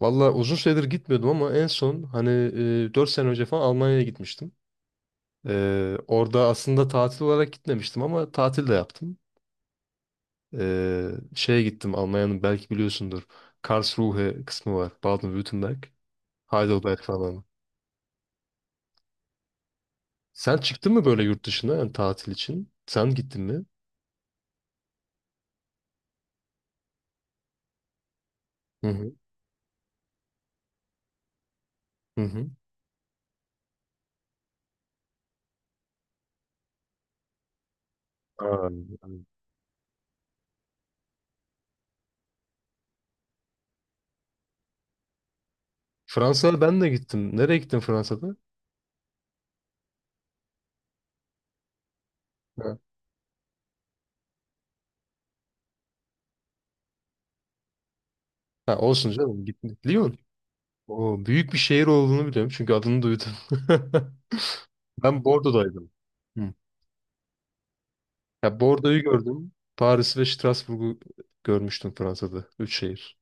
Valla uzun süredir gitmiyordum ama en son hani 4 sene önce falan Almanya'ya gitmiştim. Orada aslında tatil olarak gitmemiştim ama tatil de yaptım. E, Şeye gittim Almanya'nın belki biliyorsundur. Karlsruhe kısmı var. Baden-Württemberg. Heidelberg falan. Sen çıktın mı böyle yurt dışına yani tatil için? Sen gittin mi? Hı hı. Hı hı. Aa, evet. Fransa'ya ben de gittim. Nereye gittin Fransa'da? Ha. Ha, olsun canım. Gittim. Lyon. O büyük bir şehir olduğunu biliyorum çünkü adını duydum. Ben Bordeaux'daydım. Hı. Ya Bordeaux'u gördüm. Paris ve Strasbourg'u görmüştüm Fransa'da. Üç şehir.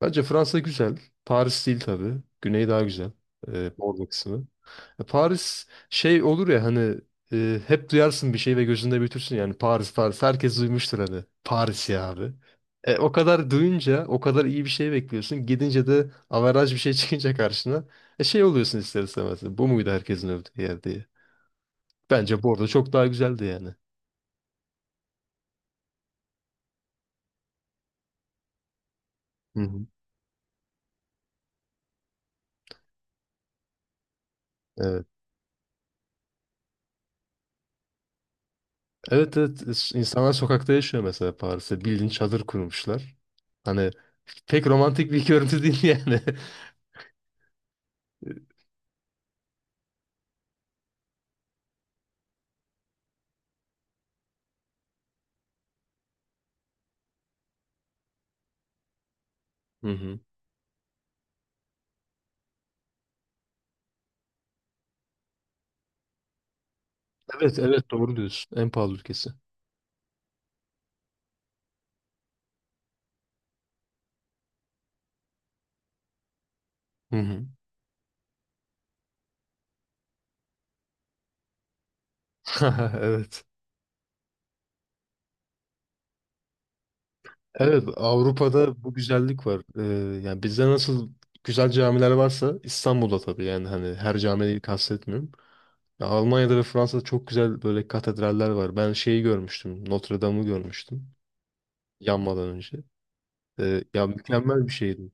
Bence Fransa güzel. Paris değil tabii. Güney daha güzel. Bordeaux kısmı. Ya Paris şey olur ya hani hep duyarsın bir şey ve gözünde büyütürsün yani Paris Paris. Herkes duymuştur hani. Paris ya abi. O kadar duyunca o kadar iyi bir şey bekliyorsun. Gidince de averaj bir şey çıkınca karşına şey oluyorsun ister istemez. Bu muydu herkesin övdüğü yer diye. Bence Bordeaux çok daha güzeldi yani. Hı hı. Evet. Evet, evet, insanlar sokakta yaşıyor mesela Paris'te. Bildiğin çadır kurmuşlar. Hani pek romantik bir görüntü değil yani. Hı hı. Evet, evet, doğru diyorsun. En pahalı ülkesi. Hı hı. Evet. Evet, Avrupa'da bu güzellik var. Yani bizde nasıl güzel camiler varsa İstanbul'da tabii yani hani her camiyi kastetmiyorum. Ya Almanya'da ve Fransa'da çok güzel böyle katedraller var. Ben şeyi görmüştüm. Notre Dame'ı görmüştüm yanmadan önce. Ya mükemmel bir şeydi.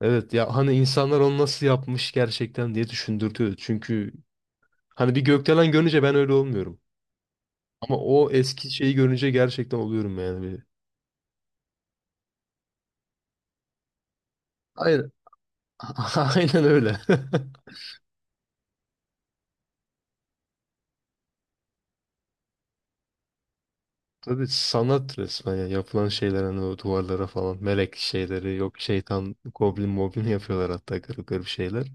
Evet ya hani insanlar onu nasıl yapmış gerçekten diye düşündürtüyor. Çünkü hani bir gökdelen görünce ben öyle olmuyorum. Ama o eski şeyi görünce gerçekten oluyorum yani. Bir... Aynen. Aynen öyle. Tabii sanat resmen ya. Yapılan şeyler hani o duvarlara falan melek şeyleri yok, şeytan, goblin moblin yapıyorlar hatta garip garip şeyler.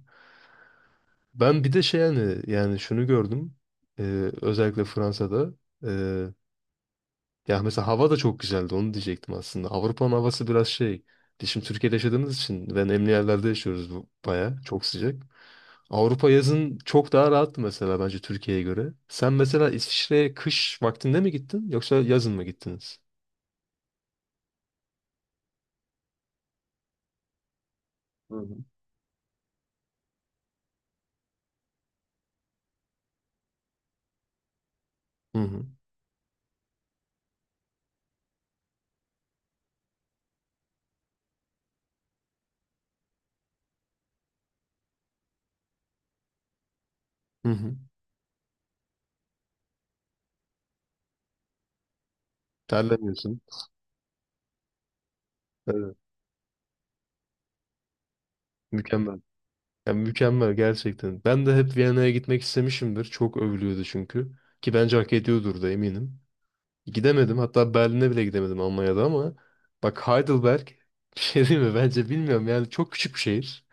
Ben bir de şey yani şunu gördüm. Özellikle Fransa'da. Ya mesela hava da çok güzeldi onu diyecektim aslında. Avrupa'nın havası biraz şey. Biz şimdi Türkiye'de yaşadığımız için ve nemli yerlerde yaşıyoruz bu baya. Çok sıcak. Avrupa yazın çok daha rahattı mesela bence Türkiye'ye göre. Sen mesela İsviçre'ye kış vaktinde mi gittin yoksa yazın mı gittiniz? Hı hı. Hı hı. Hı hı. Terlemiyorsun. Evet. Mükemmel. Yani mükemmel gerçekten. Ben de hep Viyana'ya gitmek istemişimdir. Çok övülüyordu çünkü. Ki bence hak ediyordur da eminim. Gidemedim. Hatta Berlin'e bile gidemedim Almanya'da ama bak Heidelberg bir şey değil mi? Bence bilmiyorum yani çok küçük bir şehir.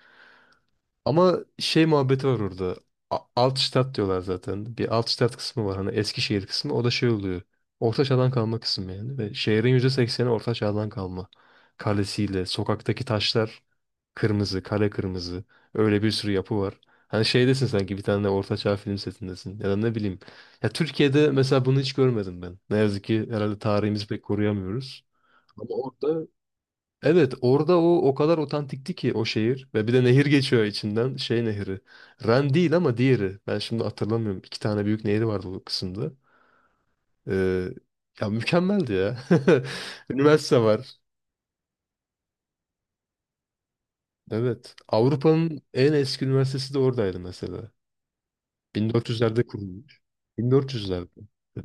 Ama şey muhabbeti var orada. Altstadt diyorlar zaten. Bir Altstadt kısmı var. Hani Eskişehir kısmı. O da şey oluyor. Orta çağdan kalma kısmı yani. Ve şehrin %80'i orta çağdan kalma. Kalesiyle, sokaktaki taşlar kırmızı, kale kırmızı. Öyle bir sürü yapı var. Hani şeydesin sanki bir tane orta çağ film setindesin. Ya da ne bileyim. Ya Türkiye'de mesela bunu hiç görmedim ben. Ne yazık ki herhalde tarihimizi pek koruyamıyoruz. Ama orada. Evet, orada o kadar otantikti ki o şehir ve bir de nehir geçiyor içinden şey nehri. Ren değil ama diğeri. Ben şimdi hatırlamıyorum. İki tane büyük nehri vardı bu kısımda. Ee, Ya mükemmeldi ya. Üniversite var. Evet. Avrupa'nın en eski üniversitesi de oradaydı mesela. 1400'lerde kurulmuş. 1400'lerde.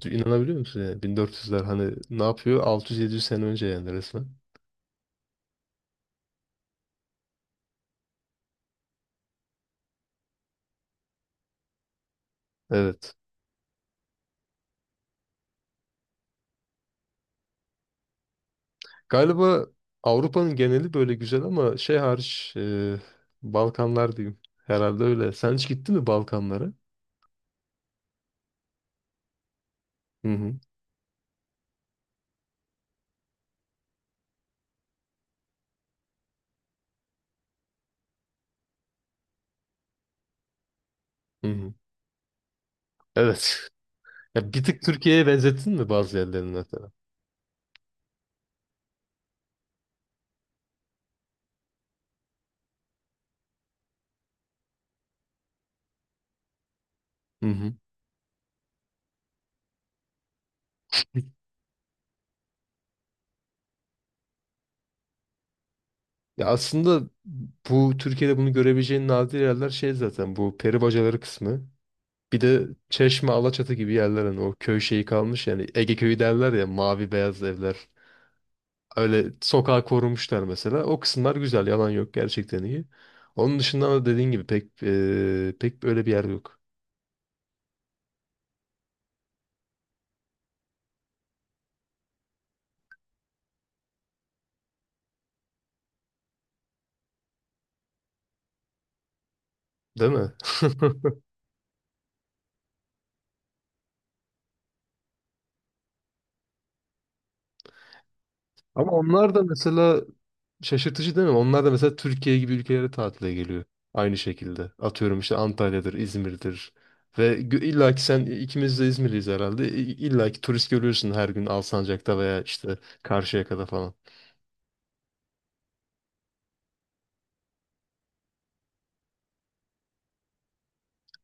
İnanabiliyor musun yani? 1400'ler hani ne yapıyor? 600-700 sene önce yani resmen. Evet. Galiba Avrupa'nın geneli böyle güzel ama şey hariç, Balkanlar diyeyim. Herhalde öyle. Sen hiç gittin mi Balkanlara? Hı hı. Hı hı. Evet. Ya bir tık Türkiye'ye benzettin mi bazı yerlerini mesela? Hı hı. Ya aslında bu Türkiye'de bunu görebileceğin nadir yerler şey zaten, bu peri bacaları kısmı. Bir de Çeşme, Alaçatı gibi yerler hani o köy şeyi kalmış yani Ege köyü derler ya, mavi beyaz evler. Öyle sokağı korumuşlar mesela. O kısımlar güzel. Yalan yok. Gerçekten iyi. Onun dışında da dediğin gibi pek böyle bir yer yok. Değil mi? Ama onlar da mesela şaşırtıcı değil mi? Onlar da mesela Türkiye gibi ülkelere tatile geliyor. Aynı şekilde. Atıyorum işte Antalya'dır, İzmir'dir. Ve illa ki sen, ikimiz de İzmirliyiz herhalde. İlla ki turist görüyorsun her gün Alsancak'ta veya işte Karşıyaka'da falan.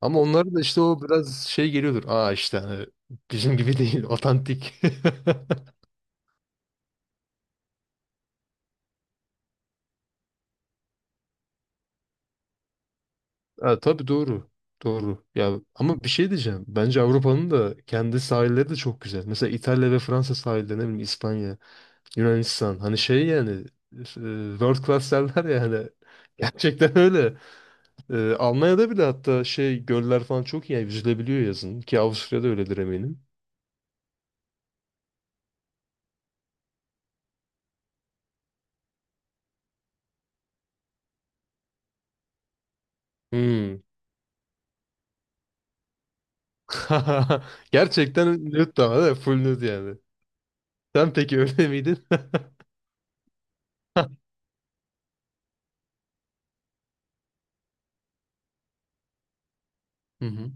Ama onlara da işte o biraz şey geliyordur. Aa işte hani bizim gibi değil, otantik. Ha, tabii doğru. Doğru. Ya ama bir şey diyeceğim. Bence Avrupa'nın da kendi sahilleri de çok güzel. Mesela İtalya ve Fransa sahilleri, ne bileyim İspanya, Yunanistan. Hani şey yani world class derler ya hani. Gerçekten öyle. Almanya'da bile hatta şey göller falan çok iyi. Yani yüzülebiliyor yazın. Ki Avusturya'da öyledir eminim. Hmm. Gerçekten nude ama değil mi? Full nude yani. Sen peki öyle miydin? Hı hı.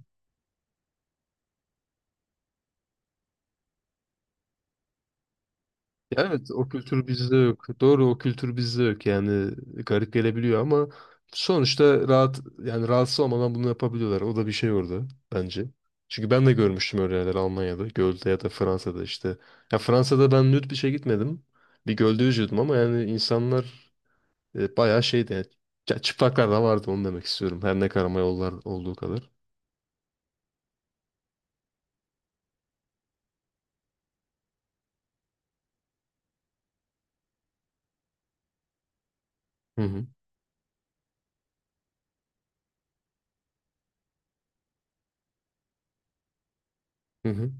Ya, evet, o kültür bizde yok. Doğru, o kültür bizde yok yani garip gelebiliyor ama sonuçta rahat yani rahatsız olmadan bunu yapabiliyorlar. O da bir şey orada bence. Çünkü ben de görmüştüm öyle yerler Almanya'da, Göl'de ya da Fransa'da işte. Ya Fransa'da ben nüt bir şey gitmedim. Bir gölde yüzüyordum ama yani insanlar bayağı şeydi. Yani, ya çıplaklar da vardı onu demek istiyorum. Her ne karama yollar olduğu kadar. Hı hı. Hı hı.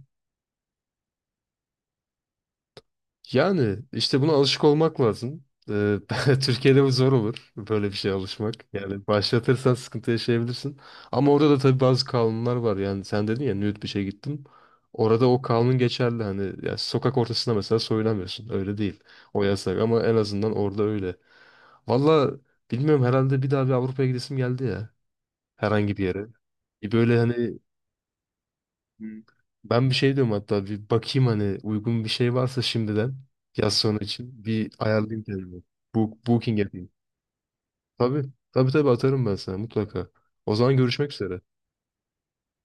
Yani işte buna alışık olmak lazım. Türkiye'de bu zor olur. Böyle bir şeye alışmak. Yani başlatırsan sıkıntı yaşayabilirsin. Ama orada da tabii bazı kanunlar var. Yani sen dedin ya, nude bir şey gittim. Orada o kanun geçerli. Hani ya sokak ortasında mesela soyunamıyorsun. Öyle değil. O yasak ama en azından orada öyle. Valla bilmiyorum, herhalde bir daha bir Avrupa'ya gidesim geldi ya. Herhangi bir yere. Böyle hani. Hı. Ben bir şey diyorum, hatta bir bakayım hani uygun bir şey varsa şimdiden yaz sonu için bir ayarlayayım kendimi. Booking yapayım. Tabii, tabii, tabii, atarım ben sana mutlaka. O zaman görüşmek üzere.